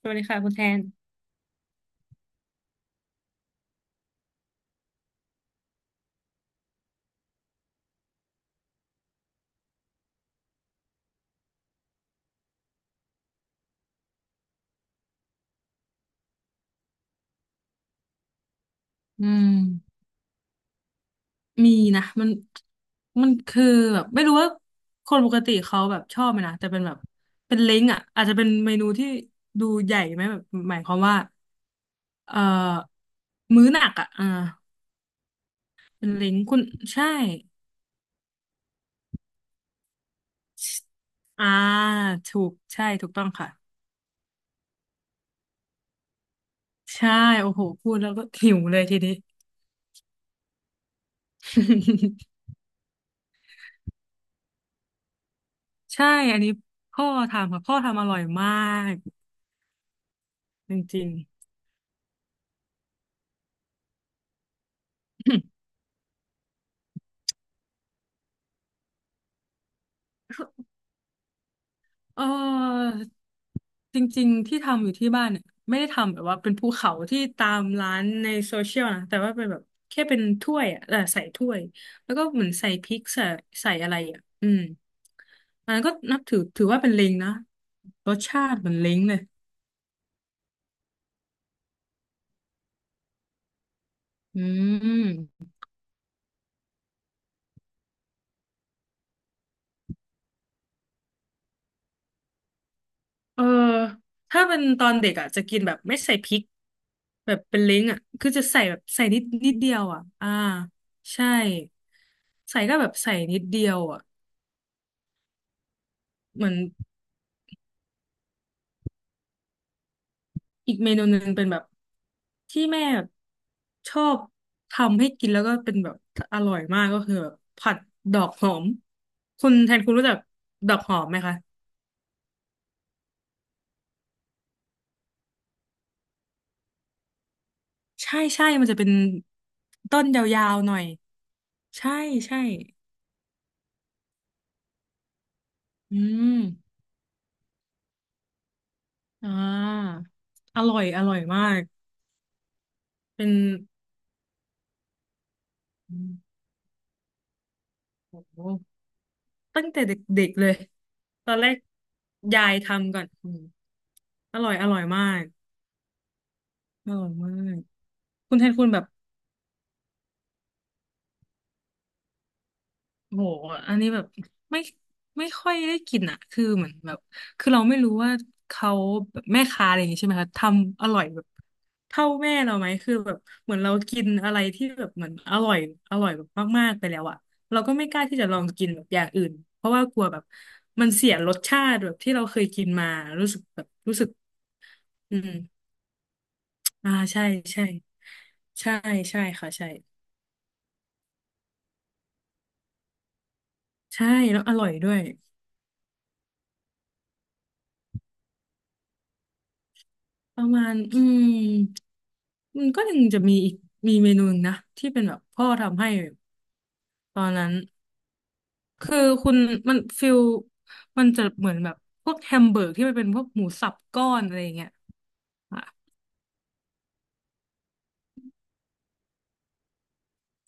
สวัสดีค่ะคุณแทนอืมมีนะมันมันคือแบบไม่รู้ว่าคนปกติเขาแบบชอบไหมนะแต่เป็นแบบเป็นเล้งอ่ะอาจจะเป็นเมนูที่ดูใหญ่ไหมแบบหมายความว่าเอ่อมื้อหนักอ่ะอ่าเป็นเล้งคุณใช่อ่าถูกใช่ถูกต้องค่ะใช่โอ้โหพูดแล้วก็หิวเลยทีนี้ ใช่อันนี้พ่อทำค่ะพ่อทำอร่อยมากจริงๆ เออจริงๆที่ทำอยู่ที่บ้านเนี่ยไม่ได้ทำแบบว่าเป็นภูเขาที่ตามร้านในโซเชียลนะแต่ว่าเป็นแบบแค่เป็นถ้วยอ่ะเออใส่ถ้วยแล้วก็เหมือนใส่พริกใส่ใส่อะไรอ่ะอืมอันนั้นก็นับถือถือว่าเป็นเล้งนะรสชาติเหมือนเล้งเลยอืมเออถ้าเป็นตอนเด็กอ่ะจะกินแบบไม่ใส่พริกแบบเป็นเล้งอ่ะคือจะใส่แบบใส่นิดนิดเดียวอ่ะอ่าใช่ใส่ก็แบบใส่นิดเดียวอ่ะ เหมือนอีกเมนูหนึ่งเป็นแบบที่แม่แบบชอบทำให้กินแล้วก็เป็นแบบอร่อยมากก็คือแบบผัดดอกหอมคุณแทนคุณรู้จักดอกหอมไหมคะใช่ใช่มันจะเป็นต้นยาวๆหน่อยใช่ใช่อืมอ่าอร่อยอร่อยมากเป็นอืมโอ้โหตั้งแต่เด็กๆเลยตอนแรกยายทำก่อนอืมอร่อยอร่อยมากอร่อยมาก คุณแทนคุณแบบโหอันนี้แบบไม่ไม่ค่อยได้กินอ่ะคือเหมือนแบบคือเราไม่รู้ว่าเขาแบบแม่ค้าอะไรอย่างงี้ใช่ไหมคะทำอร่อยแบบเท่าแม่เราไหมคือแบบเหมือนเรากินอะไรที่แบบเหมือนอร่อยอร่อยแบบมากๆไปแล้วอ่ะเราก็ไม่กล้าที่จะลองกินแบบอย่างอื่นเพราะว่ากลัวแบบมันเสียรสชาติแบบที่เราเคยกินมารู้สึกแบบรู้สึกอืมอ่าใช่ใช่ใช่ใช่ค่ะใช่ใช่แล้วอร่อยด้วย ประมาณอืมมันก็ยังจะมีอีกมีเมนูหนึ่งนะที่เป็นแบบพ่อทำให้ตอนนั้นคือคุณมันฟิลมันจะเหมือนแบบพวกแฮมเบอร์กที่มันเป็นพวกหมูสับก้อนอะไรอย่างเงี้ยอ่ะ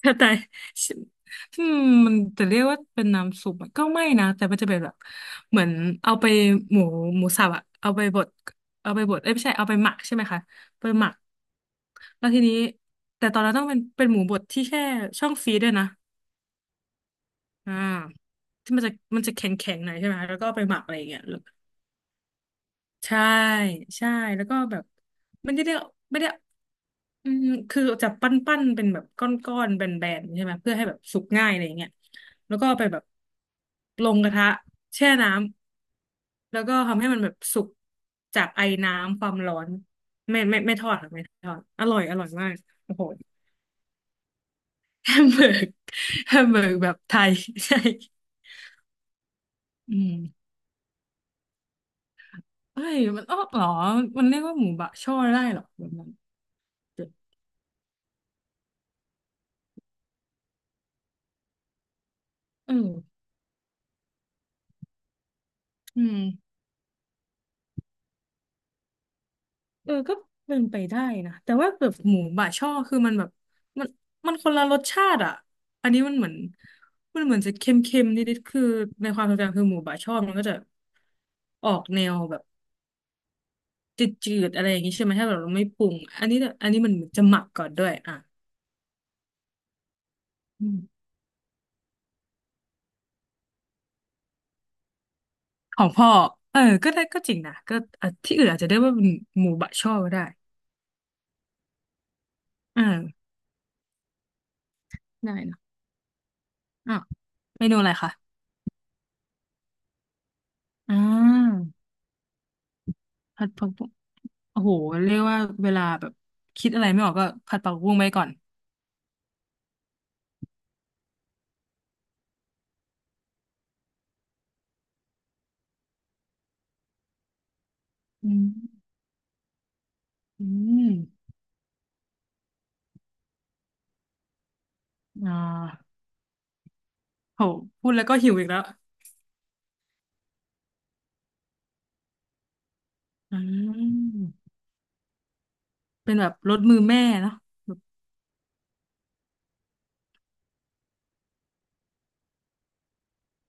แต่แต่อืมมันจะเรียกว่าเป็นน้ำซุปอะก็ไม่นะแต่มันจะเป็นแบบเหมือนเอาไปหมูหมูสับอะเอาไปบดเอาไปบดเอ้ยไม่ใช่เอาไปหมักใช่ไหมคะไปหมักแล้วทีนี้แต่ตอนนั้นต้องเป็นเป็นหมูบดที่แช่ช่องฟรีซด้วยนะ อ่าที่มันจะมันจะแข็งแข็งหน่อยใช่ไหมแล้วก็เอาไปหมักอะไรอย่างเงี้ยแล้วใช่ใช่แล้วก็แบบไม่ได้เรียกไม่ได้อืมคือจะปั้นปั้นเป็นแบบก้อนก้อนแบนแบนๆใช่ไหมเพื่อให้แบบสุกง่ายอะไรอย่างเงี้ยแล้วก็เอาไปแบบลงกระทะแช่น้ำแล้วก็ทำให้มันแบบสุกจากไอน้ำความร้อนไม่ไม่ไม่ทอดค่ะไม่ทอดอร่อยอร่อยมากโอ้โห แฮมเบอร์กแฮมเบอร์กแบบไทย ใช่อืม เฮ้ยมันอ้อเหรอมันเรียกว่าหมูบะช่อได้เหรอแบบนั้นเอออืมเออก็เป็นไปได้นะแต่ว่าแบบหมูบะช่อคือมันแบบมันมันคนละรสชาติอ่ะอันนี้มันเหมือนมันเหมือนจะเค็มๆนิดๆคือในความทรงจำคือหมูบะช่อมันก็จะออกแนวแบบจืดๆอะไรอย่างนี้ใช่ไหมถ้าแบบเราไม่ปรุงอันนี้เนี่ยอันนี้มันเหมือนจะหมักก่อนด้วยอ่ะอืมของพ่อเออก็ได้ก็จริงนะก็อ่ะที่อื่นอาจจะได้ว่าเป็นหมูบะช่อก็ได้อ่าได้นะ อ่ะเมนูอะไรคะอ่าผัดผักบุ้งโอ้โหเรียกว่าเวลาแบบคิดอะไรไม่ออกก็ผัดผักบุ้งไปก่อนอืมอืมอ่าโหพูดแล้วก็หิวอีกแล้วอืมเป็นแบบรสมือแม่เนาะ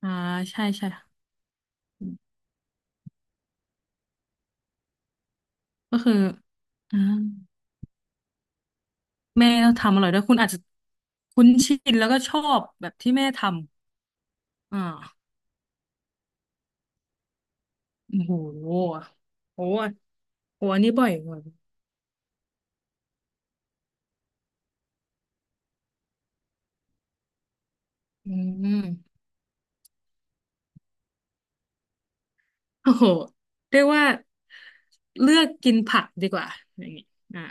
อ่าใช่ใช่ก็คืออ่าแม่ก็ทำอร่อยด้วยคุณอาจจะคุ้นชินแล้วก็ชอบแบบที่แม่ทำอ่าโอ้โหโอ้โหโอโหอันนี้บ่อยกว่าอืม โอ้โหเรียกว่าเลือกกินผักดีกว่าอย่างนี้อ่า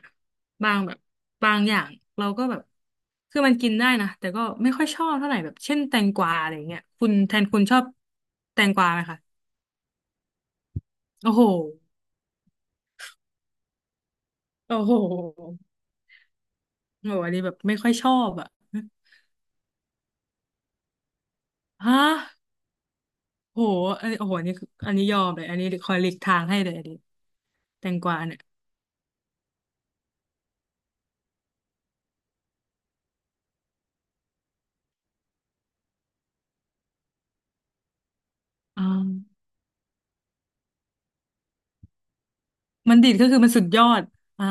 บางแบบบางอย่างเราก็แบบคือมันกินได้นะแต่ก็ไม่ค่อยชอบเท่าไหร่แบบเช่นแตงกวาอะไรอย่างเงี้ยคุณแทนคุณชอบแตงกวาไหมคะโอ้โหโอ้โหโอ้โหอันนี้แบบไม่ค่อยชอบอ่ะฮะโอ้โหอันนี้โอ้โหอันนี้คืออันนี้ยอมเลยอันนี้คอยหลีกทางให้เลยอันนี้แตงกวาเนี่ยอ่ามันดีดก็คือมันสุดยอดอ่า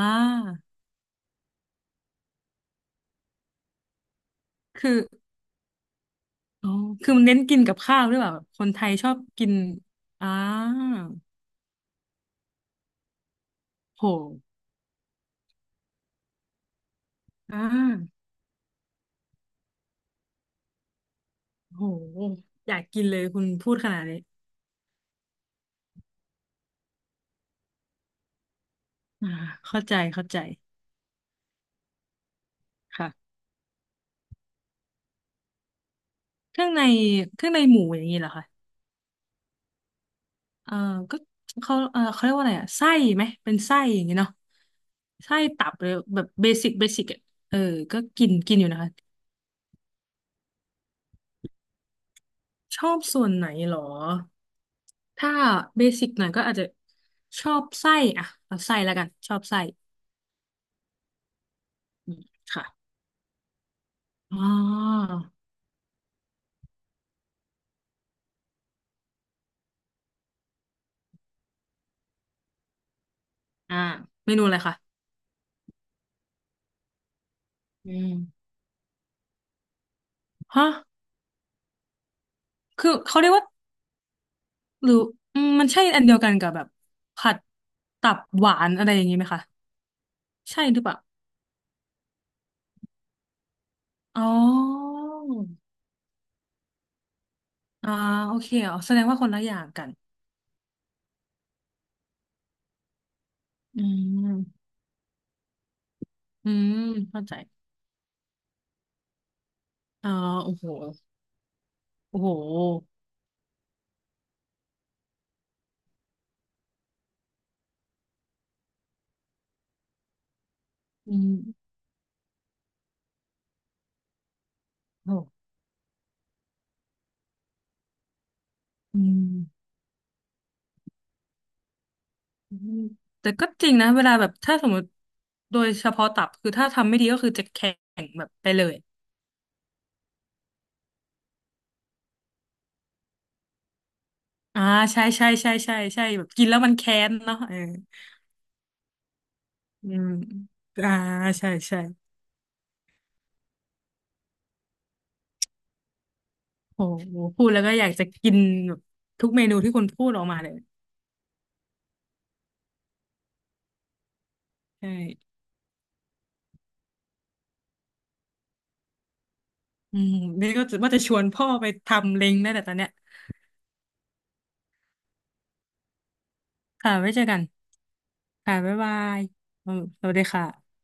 คือ อ๋อคือมันเน้นกินกับข้าวหรือเปล่าแบบคนไทยชอบกินอ่าโหอ่าโหอยากกินเลยคุณพูดขนาดนี้อ่าเข้าใจเข้าใจ ค่ะ เครื่องใน เครื่องในหมูอย่างนี้เหรอคะเออก็เขาเออเขาเรียกว่าอะไรอะไส้ไหมเป็นไส้อย่างนี้เนาะไส้ตับเลยแบบเบสิกเบสิกอะเออ ก็กินกินอยู่นะคะ ชอบส่วนไหนเหรอถ้าเบสิกหน่อยก็อาจจะชอบไส้อะเอาไส้แล้วกันชอบไส้อืมค่ะ อ๋ออ่าเมนูอะไรคะอืมฮะคือเขาเรียกว่าหรืออืมมันใช่อันเดียวกันกับแบบผัดตับหวานอะไรอย่างนี้ไหมคะ ใช่หรือเปล่าอ๋ออ่าโอเคอ๋อแสดงว่าคนละอย่างกัน อืม อืมเข้าใจ อ๋อโอ้โหโอ้โหอืมโอ้อืมอืม แต่ก็จริงนะเวลาแบบถ้าสมมติโดยเฉพาะตับคือถ้าทำไม่ดีก็คือจะแข็งแบบไปเลย อ่าใช่ใช่ใช่ใช่ใช่แบบกินแล้วมันแค้นเนาะเอออืมอ่าใช่ใช่โอ้โหพูดแล้วก็อยากจะกินแบบทุกเมนูที่คุณพูดออกมาเลยใช่อืมนี่ก็จะว่าจะชวนพ่อไปทำเล้งได้แต่ตอนเนี้ยค่ะไว้เจอกันค่ะบ๊ายบายอืมสวัสดีค่ะ